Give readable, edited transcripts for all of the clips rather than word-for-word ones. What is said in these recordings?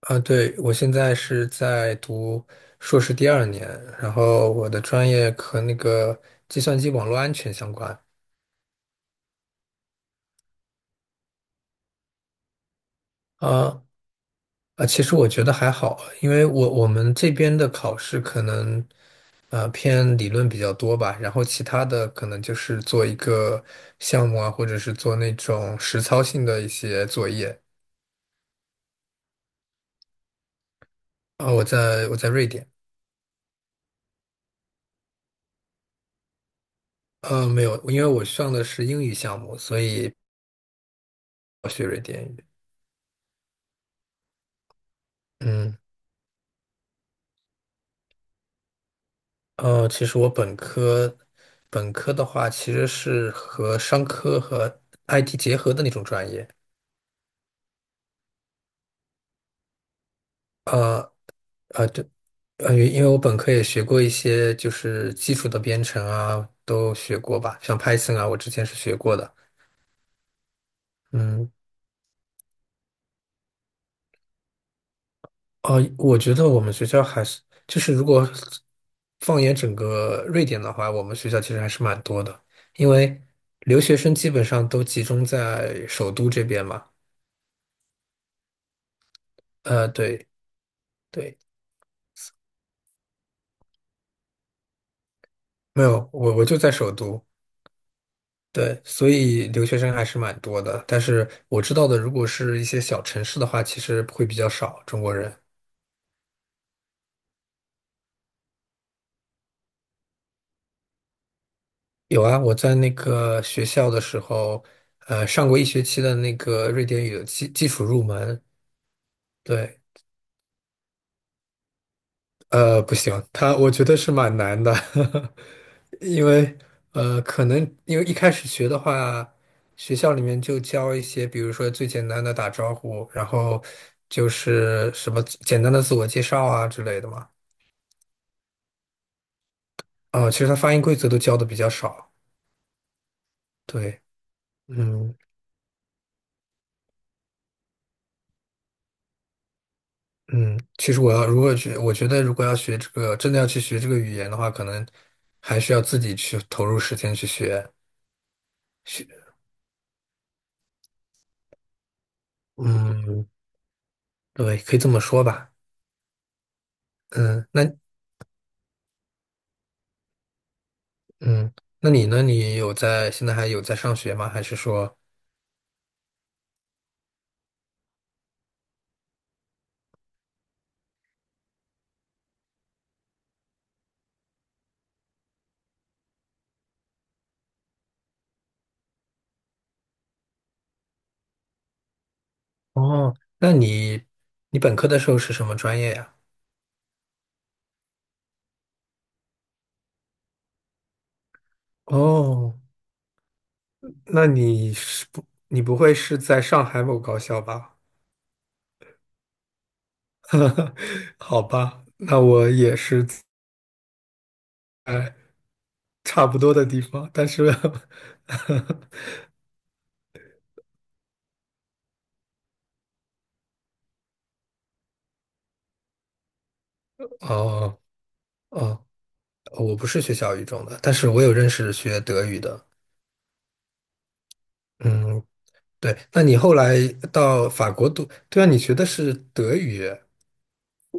啊，对，我现在是在读硕士第二年，然后我的专业和那个计算机网络安全相关。啊啊，其实我觉得还好，因为我们这边的考试可能偏理论比较多吧，然后其他的可能就是做一个项目啊，或者是做那种实操性的一些作业。啊，我在瑞典，没有，因为我上的是英语项目，所以。嗯。其实我本科，本科的话其实是和商科和 IT 结合的那种专业。呃对，因为我本科也学过一些就是基础的编程啊，都学过吧，像 Python 啊，我之前是学过的。嗯，哦，我觉得我们学校还是，就是如果放眼整个瑞典的话，我们学校其实还是蛮多的，因为留学生基本上都集中在首都这边嘛。对。对。没有，我就在首都，对，所以留学生还是蛮多的。但是我知道的，如果是一些小城市的话，其实会比较少中国人。有啊，我在那个学校的时候，上过一学期的那个瑞典语的基础入门，对，不行，他我觉得是蛮难的，因为可能因为一开始学的话，学校里面就教一些，比如说最简单的打招呼，然后就是什么简单的自我介绍啊之类的嘛。啊，其实他发音规则都教的比较少。对，嗯嗯，其实我要如果学，我觉得如果要学这个，真的要去学这个语言的话，可能还是要自己去投入时间去学学。嗯，对，可以这么说吧。嗯，那嗯，那你呢？你有在，现在还有在上学吗？还是说，哦，那你本科的时候是什么专业呀？哦，那你不会是在上海某高校吧？好吧，那我也是在差不多的地方，但是 哦哦，我不是学小语种的，但是我有认识学德语的。嗯，对，那你后来到法国读，对啊，你学的是德语。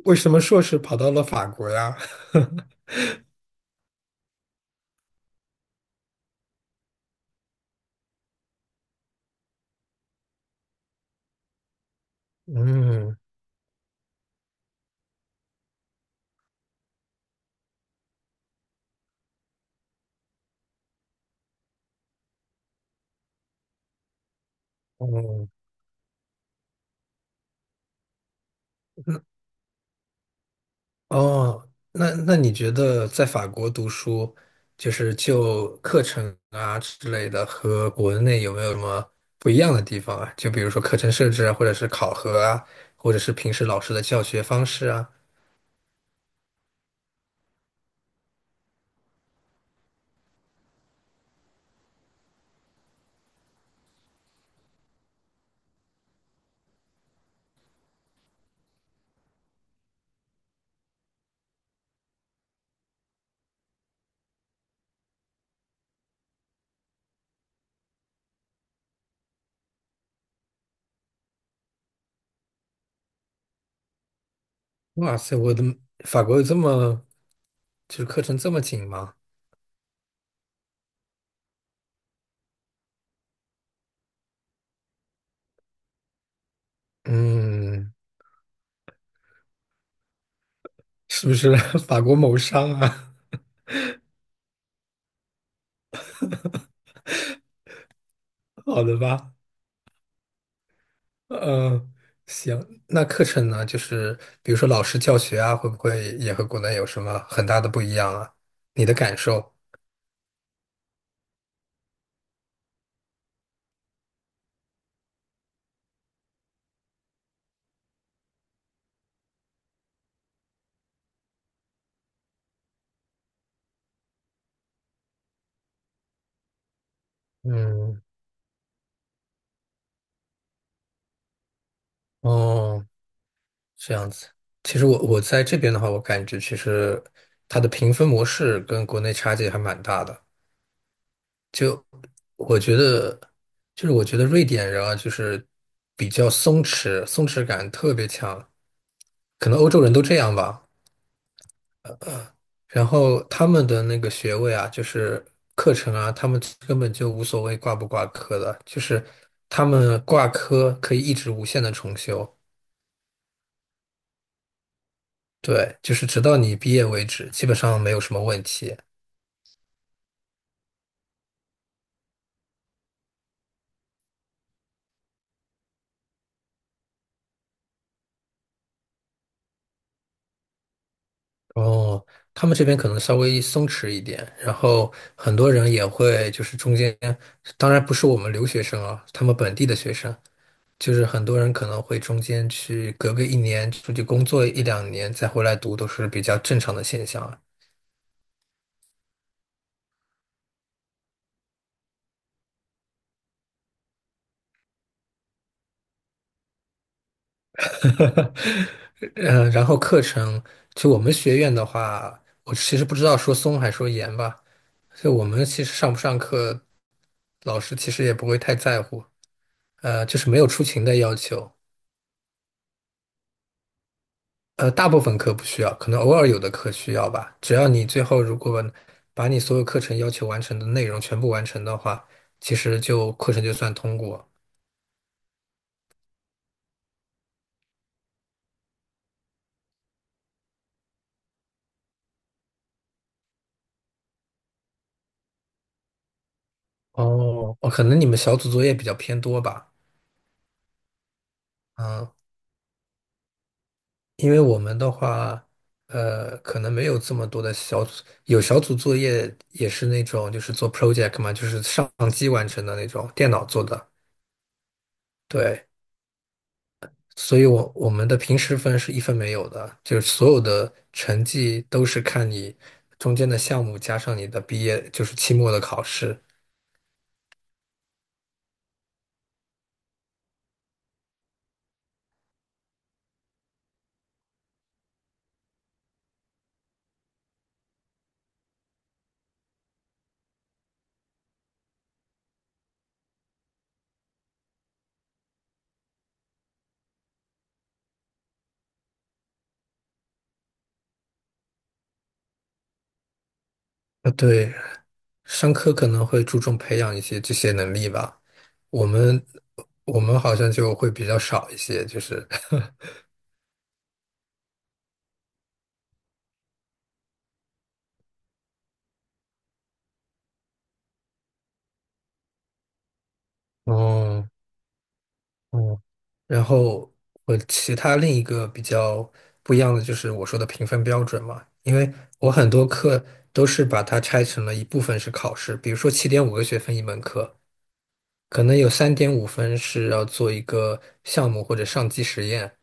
为什么硕士跑到了法国呀？嗯，哦，嗯哦那你觉得在法国读书，就是就课程啊之类的，和国内有没有什么不一样的地方啊？就比如说课程设置啊，或者是考核啊，或者是平时老师的教学方式啊。哇塞，我的法国有这么，就是课程这么紧吗？嗯，是不是 法国谋商啊？好的吧。嗯，行，那课程呢，就是比如说老师教学啊，会不会也和国内有什么很大的不一样啊？你的感受？嗯，哦，这样子。其实我在这边的话，我感觉其实它的评分模式跟国内差距还蛮大的。就我觉得，就是我觉得瑞典人啊，就是比较松弛，松弛感特别强，可能欧洲人都这样吧。然后他们的那个学位啊，就是课程啊，他们根本就无所谓挂不挂科的，就是他们挂科可以一直无限的重修，对，就是直到你毕业为止，基本上没有什么问题。哦，他们这边可能稍微松弛一点，然后很多人也会就是中间，当然不是我们留学生啊，他们本地的学生，就是很多人可能会中间去隔个一年出去工作一两年再回来读，都是比较正常的现象。啊。然后课程，就我们学院的话，我其实不知道说松还说严吧，就我们其实上不上课，老师其实也不会太在乎，就是没有出勤的要求，大部分课不需要，可能偶尔有的课需要吧，只要你最后如果把你所有课程要求完成的内容全部完成的话，其实就课程就算通过。哦，哦，可能你们小组作业比较偏多吧，嗯，因为我们的话，可能没有这么多的小组，有小组作业也是那种就是做 project 嘛，就是上机完成的那种，电脑做的。对，所以我们的平时分是一分没有的，就是所有的成绩都是看你中间的项目加上你的毕业，就是期末的考试。啊，对，商科可能会注重培养一些这些能力吧，我们我们好像就会比较少一些，就是 哦，嗯，然后我其他另一个比较不一样的就是我说的评分标准嘛，因为我很多课都是把它拆成了一部分是考试，比如说7.5个学分一门课，可能有3.5分是要做一个项目或者上机实验，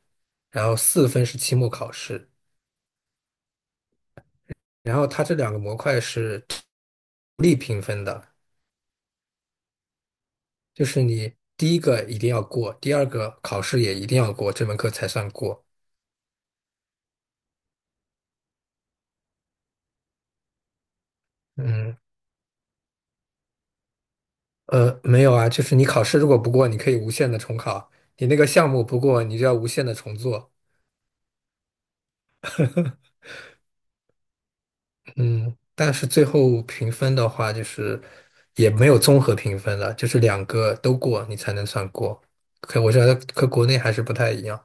然后4分是期末考试，然后它这两个模块是独立评分的，就是你第一个一定要过，第二个考试也一定要过，这门课才算过。嗯，没有啊，就是你考试如果不过，你可以无限的重考；你那个项目不过，你就要无限的重做。嗯，但是最后评分的话，就是也没有综合评分了，就是两个都过，你才能算过。可我觉得和国内还是不太一样。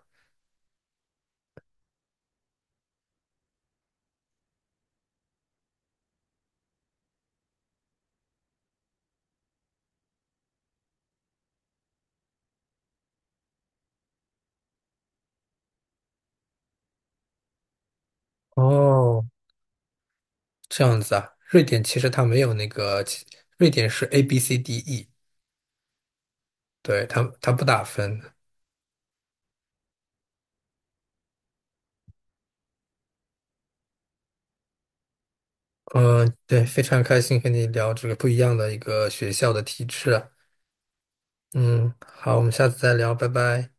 哦，这样子啊，瑞典其实它没有那个，瑞典是 A B C D E，对，它不打分。嗯，对，非常开心和你聊这个不一样的一个学校的体制。嗯，好，我们下次再聊，拜拜。